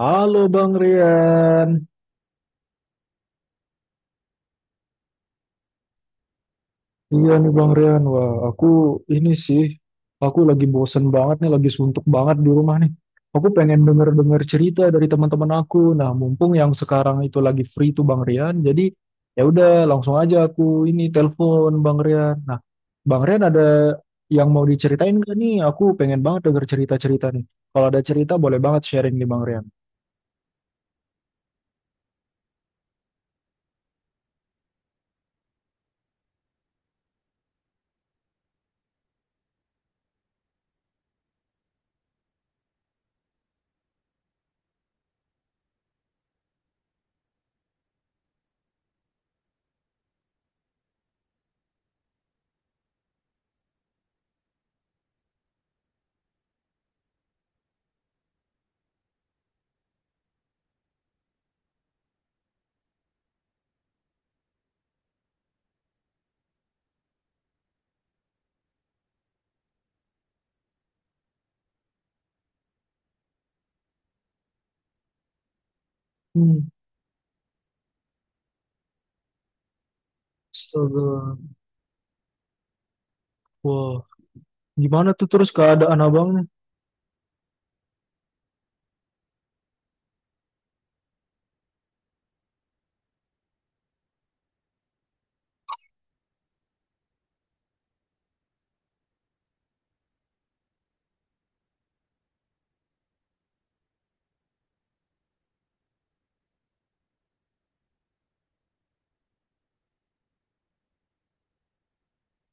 Halo Bang Rian, iya nih Bang Rian, wah ini sih, aku lagi bosen banget nih, lagi suntuk banget di rumah nih. Aku pengen denger-denger cerita dari teman-teman aku. Nah, mumpung yang sekarang itu lagi free tuh Bang Rian, jadi ya udah langsung aja aku ini telepon Bang Rian. Nah, Bang Rian ada yang mau diceritain gak nih? Aku pengen banget denger cerita-cerita nih. Kalau ada cerita boleh banget sharing nih Bang Rian. Hmm, astaga. Wah, gimana tuh terus keadaan abangnya?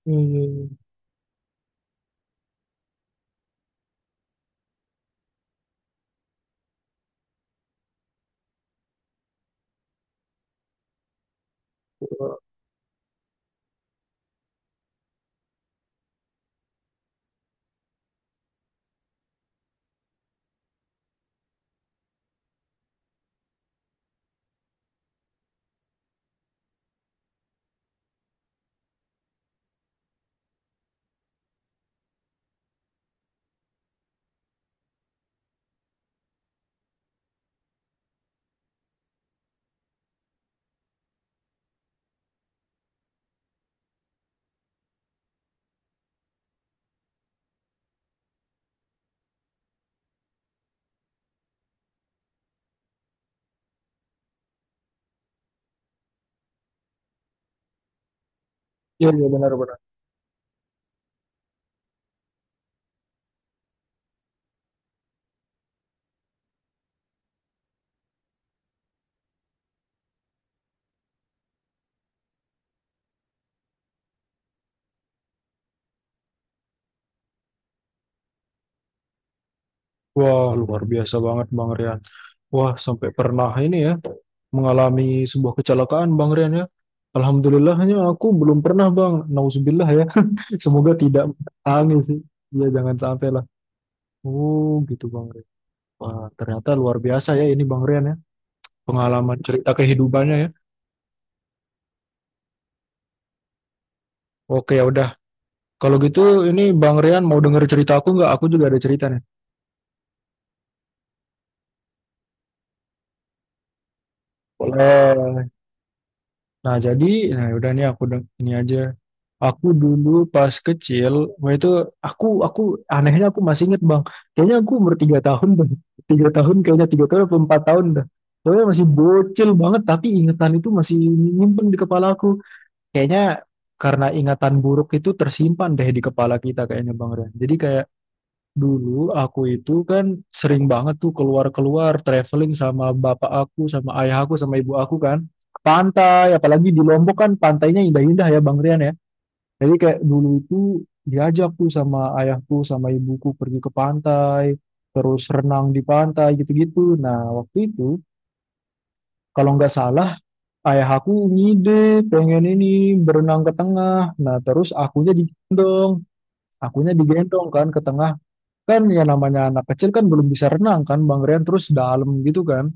Iya, iya, iya. Iya, iya, benar-benar. Wah, luar biasa banget Bang Rian. Wah, sampai pernah ini ya mengalami sebuah kecelakaan Bang Rian ya. Alhamdulillahnya aku belum pernah Bang. Nauzubillah ya. Semoga tidak alami sih. Ya jangan sampai lah. Oh, gitu Bang Rian. Wah, ternyata luar biasa ya ini Bang Rian ya. Pengalaman cerita kehidupannya ya. Oke, ya udah. Kalau gitu ini Bang Rian mau denger cerita aku nggak? Aku juga ada cerita nih. Boleh. Nah, jadi, nah ya udah nih ini aja. Aku dulu pas kecil, wah itu aku anehnya aku masih inget bang, kayaknya aku umur 3 tahun bang, 3 tahun kayaknya 3 tahun atau 4 tahun dah, pokoknya masih bocil banget, tapi ingatan itu masih nyimpen di kepala aku, kayaknya karena ingatan buruk itu tersimpan deh di kepala kita kayaknya bang Ren. Jadi kayak dulu aku itu kan sering banget tuh keluar-keluar traveling sama bapak aku, sama ayah aku, sama ibu aku kan, ke pantai, apalagi di Lombok kan pantainya indah-indah ya bang Rian ya. Jadi kayak dulu itu diajak tuh sama ayahku sama ibuku pergi ke pantai, terus renang di pantai gitu-gitu. Nah, waktu itu kalau nggak salah ayah aku ngide pengen ini berenang ke tengah. Nah, terus akunya digendong kan ke tengah. Kan ya namanya anak kecil kan belum bisa renang kan Bang Rian terus dalam gitu kan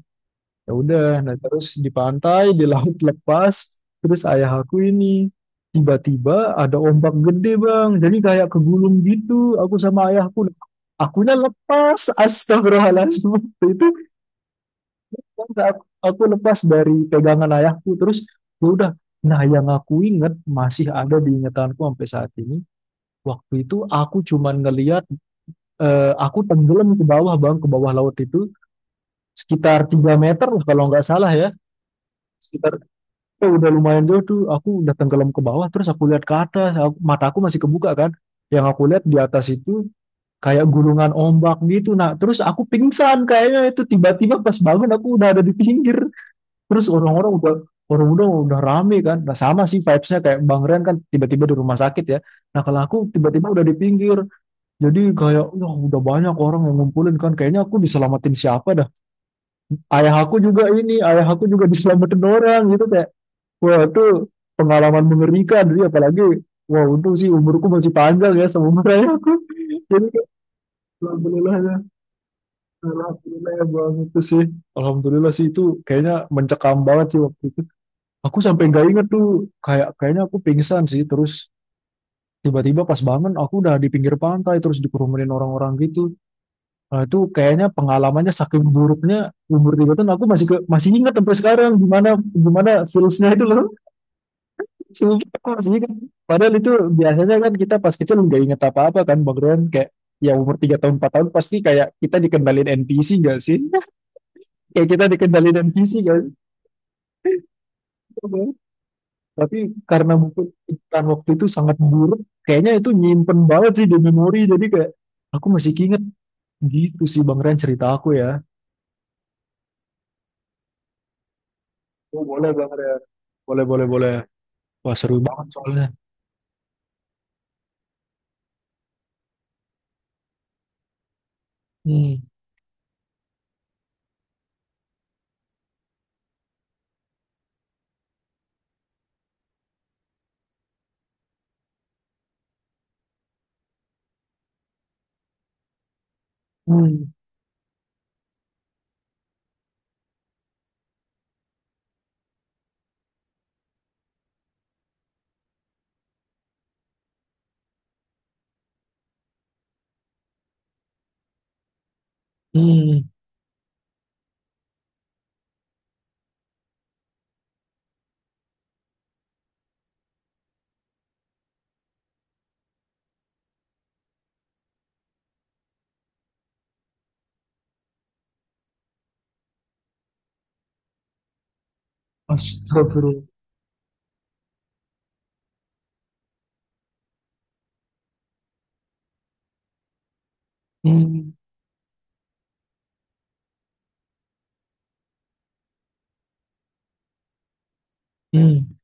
ya udah nah terus di pantai di laut lepas terus ayah aku ini tiba-tiba ada ombak gede bang jadi kayak kegulung gitu aku sama ayahku akunya lepas astagfirullahaladzim. Waktu itu aku lepas dari pegangan ayahku terus ya udah nah yang aku inget masih ada di ingatanku sampai saat ini waktu itu aku cuman ngeliat aku tenggelam ke bawah bang ke bawah laut itu sekitar 3 meter lah kalau nggak salah ya sekitar Eh, udah lumayan jauh tuh aku udah tenggelam ke bawah terus aku lihat ke atas mataku masih kebuka kan yang aku lihat di atas itu kayak gulungan ombak gitu nah terus aku pingsan kayaknya itu tiba-tiba pas bangun aku udah ada di pinggir terus orang udah rame kan nah sama sih vibesnya kayak Bang Ren kan tiba-tiba di rumah sakit ya nah kalau aku tiba-tiba udah di pinggir jadi kayak wah udah banyak orang yang ngumpulin kan kayaknya aku diselamatin siapa dah ayah aku juga diselamatin orang gitu kan. Wah, itu pengalaman mengerikan sih, apalagi wah untung sih umurku masih panjang ya seumurnya aku. Jadi kayak, alhamdulillah ya, alhamdulillah ya bang itu sih. Alhamdulillah sih itu kayaknya mencekam banget sih waktu itu. Aku sampai nggak inget tuh kayak kayaknya aku pingsan sih terus tiba-tiba pas bangun aku udah di pinggir pantai terus dikerumunin orang-orang gitu. Nah, itu kayaknya pengalamannya saking buruknya umur 3 tahun aku masih masih ingat sampai sekarang gimana gimana feelsnya itu loh. Sumpah aku masih ingat. Padahal itu biasanya kan kita pas kecil nggak inget apa-apa kan Bang Ron. Kayak ya umur 3 tahun 4 tahun pasti kayak kita dikendalin NPC gak sih? Kayak kita dikendalin NPC gak sih? Tapi karena mungkin iklan waktu itu sangat buruk. Kayaknya itu nyimpen banget sih di memori. Jadi kayak aku masih inget gitu sih Bang Ren cerita aku ya. Oh, boleh Bang Ren. Boleh, boleh, boleh. Wah seru banget soalnya. Hmm, hmm, hmm. Astagfirullah. Hmm, hmm.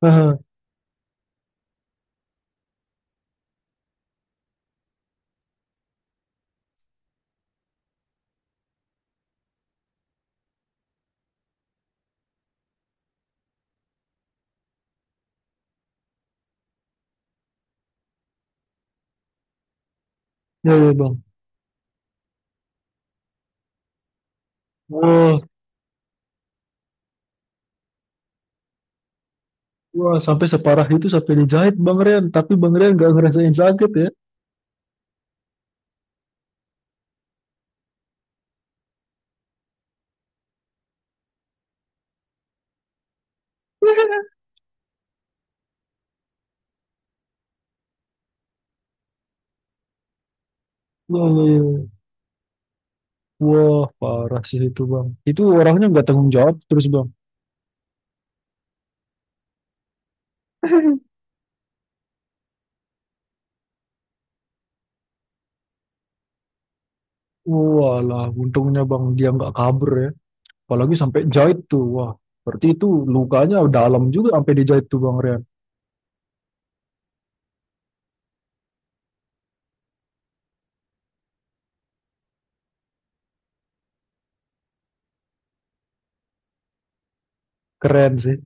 Ah, ya, ya Bang. Wah. Wah, sampai separah itu sampai dijahit Bang Rian. Tapi Bang Rian gak ngerasain sakit ya. Wah, wah. Wah, parah sih itu Bang. Itu orangnya nggak tanggung jawab terus Bang. Walah, untungnya Bang dia nggak kabur ya. Apalagi sampai jahit tuh. Wah, berarti itu lukanya dalam juga sampai dijahit tuh Bang Rian. Keren sih.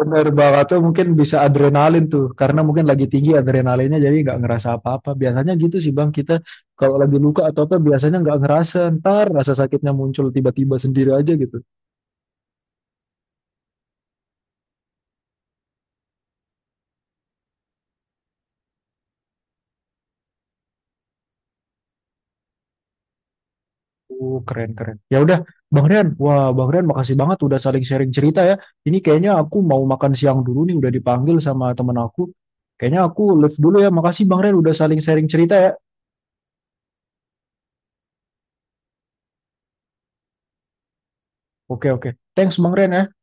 Bener banget tuh mungkin bisa adrenalin tuh karena mungkin lagi tinggi adrenalinnya jadi nggak ngerasa apa-apa. Biasanya gitu sih Bang kita kalau lagi luka atau apa biasanya nggak ngerasa ntar rasa sakitnya muncul tiba-tiba sendiri aja gitu. Keren keren. Ya udah Bang Rian, wah Bang Rian makasih banget udah saling sharing cerita ya. Ini kayaknya aku mau makan siang dulu nih udah dipanggil sama temen aku. Kayaknya aku live dulu ya. Makasih Bang Rian udah saling sharing cerita ya. Oke oke. Thanks Bang Rian ya.